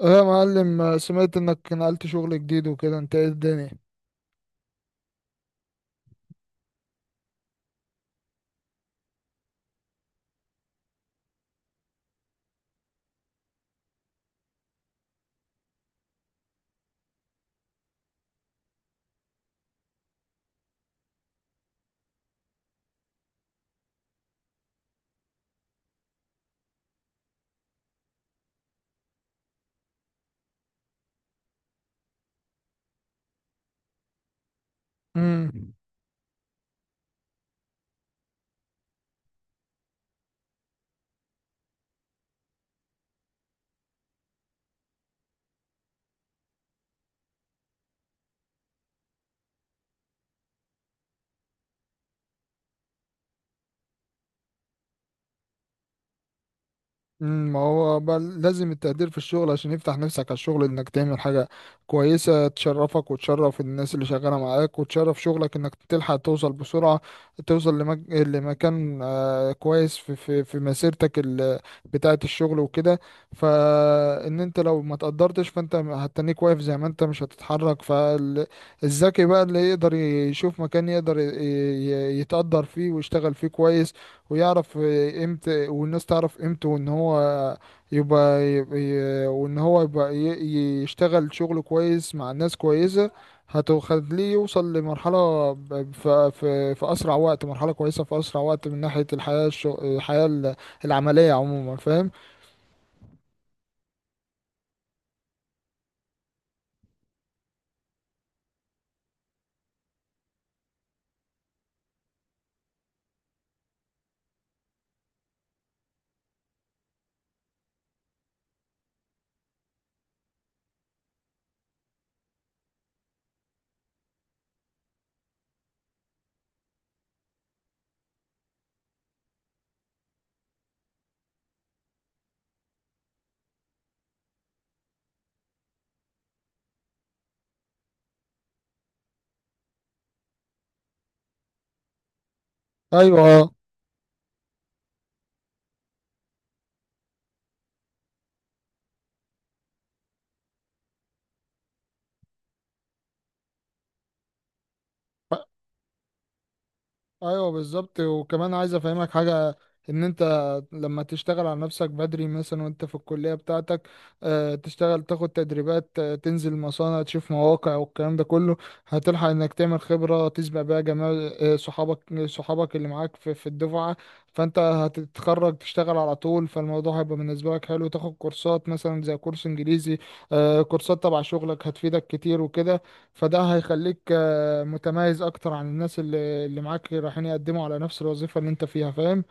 ايه يا معلم، سمعت انك نقلت شغل جديد وكده، انت ايه الدنيا؟ امم. مم، ما هو بل لازم التقدير في الشغل عشان يفتح نفسك على الشغل انك تعمل حاجة كويسة تشرفك وتشرف الناس اللي شغالة معاك وتشرف شغلك انك تلحق توصل بسرعة، توصل لمكان كويس في مسيرتك بتاعة الشغل وكده. فان انت لو ما تقدرتش فانت هتنيك واقف زي ما انت، مش هتتحرك. فالذكي بقى اللي يقدر يشوف مكان يقدر يتقدر فيه ويشتغل فيه كويس، ويعرف امتى والناس تعرف قيمته، وان هو يبقى, يبقى يبقى يشتغل شغل كويس مع ناس كويسة هتخليه يوصل لمرحلة في أسرع وقت، مرحلة كويسة في أسرع وقت، من ناحية الحياة العملية عموما، فاهم؟ أيوه. ايوه بالظبط. وكمان عايز افهمك حاجه، ان انت لما تشتغل على نفسك بدري، مثلا وانت في الكليه بتاعتك، تشتغل تاخد تدريبات، تنزل مصانع تشوف مواقع والكلام ده كله، هتلحق انك تعمل خبره تسبق بيها جمال صحابك، اللي معاك في الدفعه. فانت هتتخرج تشتغل على طول، فالموضوع هيبقى بالنسبه لك حلو. تاخد كورسات مثلا زي كورس انجليزي، كورسات تبع شغلك هتفيدك كتير وكده. فده هيخليك متميز اكتر عن الناس اللي معاك رايحين يقدموا على نفس الوظيفة اللي انت فيها، فاهم؟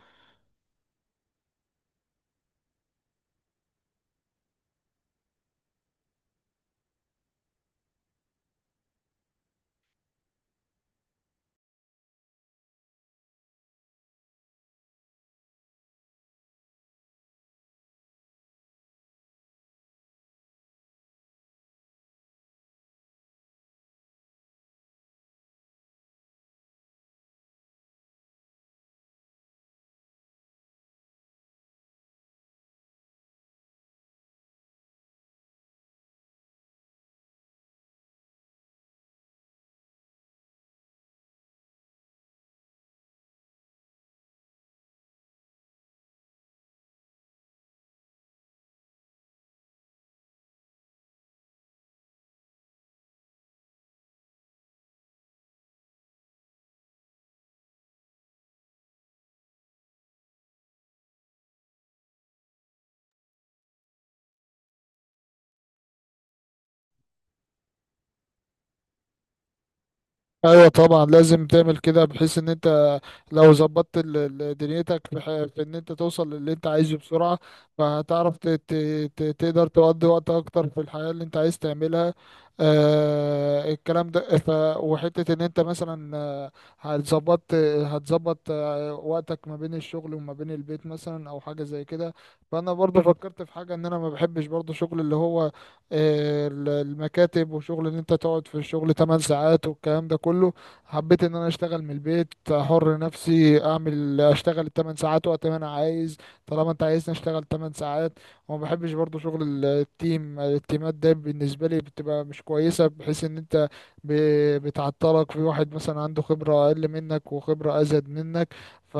ايوه طبعا لازم تعمل كده، بحيث ان انت لو ظبطت دنيتك في ان انت توصل للي انت عايزه بسرعة، فهتعرف تقدر تقضي وقت اكتر في الحياة اللي انت عايز تعملها، الكلام ده. وحتة ان انت مثلا هتظبط هتظبط وقتك ما بين الشغل وما بين البيت، مثلا او حاجة زي كده. فانا برضو فكرت في حاجة، ان انا ما بحبش برضو شغل اللي هو المكاتب، وشغل ان انت تقعد في الشغل 8 ساعات والكلام ده كله. حبيت ان انا اشتغل من البيت، حر نفسي اعمل اشتغل 8 ساعات وقت ما انا عايز، طالما انت عايزني اشتغل 8 ساعات. وما بحبش برضو شغل التيمات ده، بالنسبه لي بتبقى مش كويسه، بحيث ان انت بتعطلك في واحد مثلا عنده خبره اقل منك، وخبره ازيد منك. ف...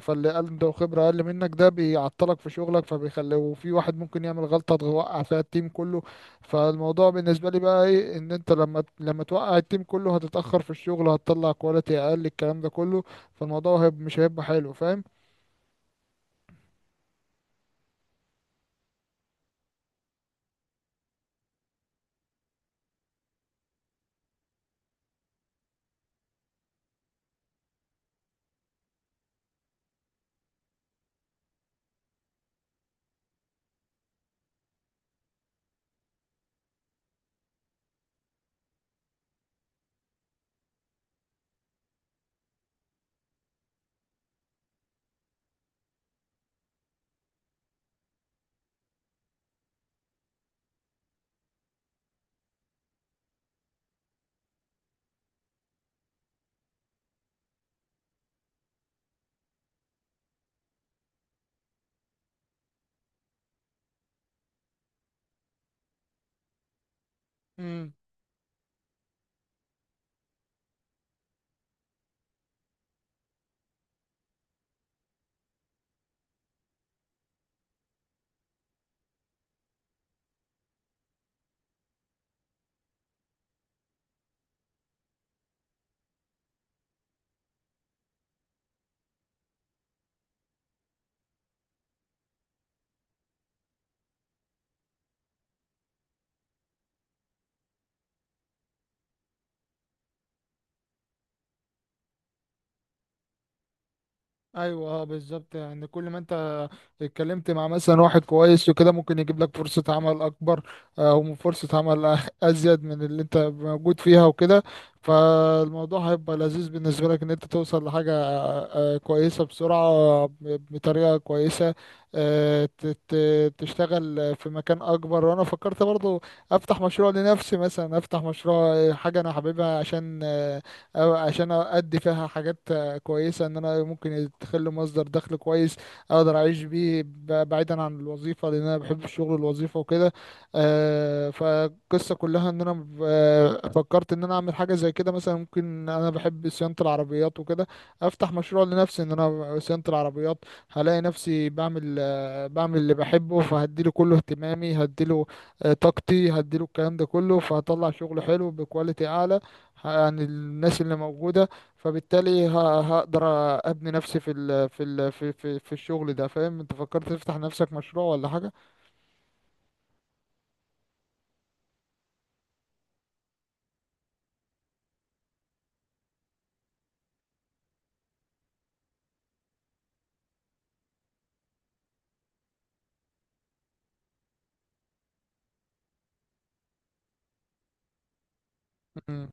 فاللي عنده خبره اقل منك ده بيعطلك في شغلك فبيخلي، وفي واحد ممكن يعمل غلطه توقع فيها التيم كله. فالموضوع بالنسبة لي بقى ايه، ان انت لما توقع التيم كله هتتأخر في الشغل، هتطلع كواليتي اقل، الكلام ده كله. فالموضوع مش هيبقى حلو، فاهم؟ ايوه، اه، بالظبط. يعني كل ما انت اتكلمت مع مثلا واحد كويس وكده ممكن يجيب لك فرصة عمل اكبر، او فرصة عمل ازيد من اللي انت موجود فيها وكده. فالموضوع هيبقى لذيذ بالنسبة لك، ان انت توصل لحاجة كويسة بسرعة، بطريقة كويسة، تشتغل في مكان اكبر. وانا فكرت برضو افتح مشروع لنفسي، مثلا افتح مشروع حاجة انا حاببها، عشان أو عشان ادي فيها حاجات كويسة، ان انا ممكن يدخل لي مصدر دخل كويس اقدر اعيش بيه بعيدا عن الوظيفة، لان انا بحب الشغل الوظيفة وكده. فالقصة كلها ان انا فكرت ان انا اعمل حاجة زي كده، مثلا ممكن انا بحب صيانة العربيات وكده، افتح مشروع لنفسي ان انا صيانة العربيات، هلاقي نفسي بعمل اللي بحبه، فهديله كله اهتمامي، هديله طاقتي، هديله الكلام ده كله. فهطلع شغل حلو بكواليتي اعلى عن الناس اللي موجودة، فبالتالي هقدر ابني نفسي في ال في ال في في, في الشغل ده، فاهم؟ انت فكرت تفتح نفسك مشروع ولا حاجه؟ امم.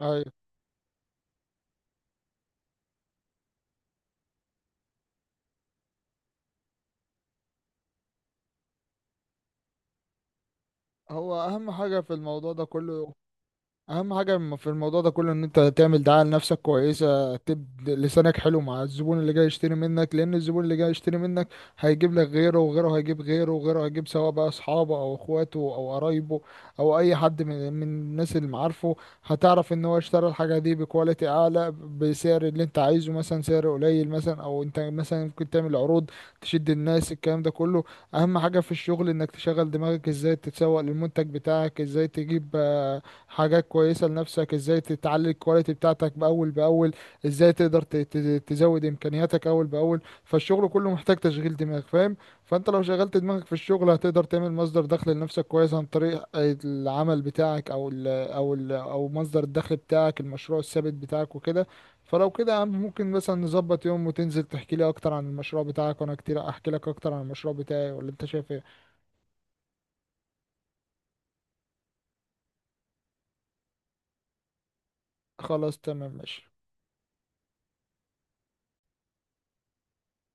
ايوه، هو اهم حاجه في الموضوع ده كله. اهم حاجه في الموضوع ده كله، ان انت تعمل دعايه لنفسك كويسه، تبدا لسانك حلو مع الزبون اللي جاي يشتري منك، لان الزبون اللي جاي يشتري منك هيجيب لك غيره، وغيره هيجيب غيره، وغيره هيجيب، سواء بقى اصحابه او اخواته او قرايبه او اي حد من الناس اللي معارفه. هتعرف ان هو اشترى الحاجه دي بكواليتي اعلى، بسعر اللي انت عايزه، مثلا سعر قليل، مثلا او انت مثلا ممكن تعمل عروض تشد الناس، الكلام ده كله. اهم حاجه في الشغل انك تشغل دماغك، ازاي تتسوق للمنتج بتاعك، ازاي تجيب حاجات كويسة لنفسك، ازاي تتعلي الكواليتي بتاعتك بأول بأول، ازاي تقدر تزود امكانياتك أول بأول. فالشغل كله محتاج تشغيل دماغ، فاهم؟ فانت لو شغلت دماغك في الشغل هتقدر تعمل مصدر دخل لنفسك كويس عن طريق العمل بتاعك، او مصدر الدخل بتاعك، المشروع الثابت بتاعك وكده. فلو كده يا عم ممكن مثلا نظبط يوم، وتنزل تحكي لي اكتر عن المشروع بتاعك، وانا كتير احكي لك اكتر عن المشروع بتاعي، ولا انت شايف ايه؟ خلاص، تمام، ماشي.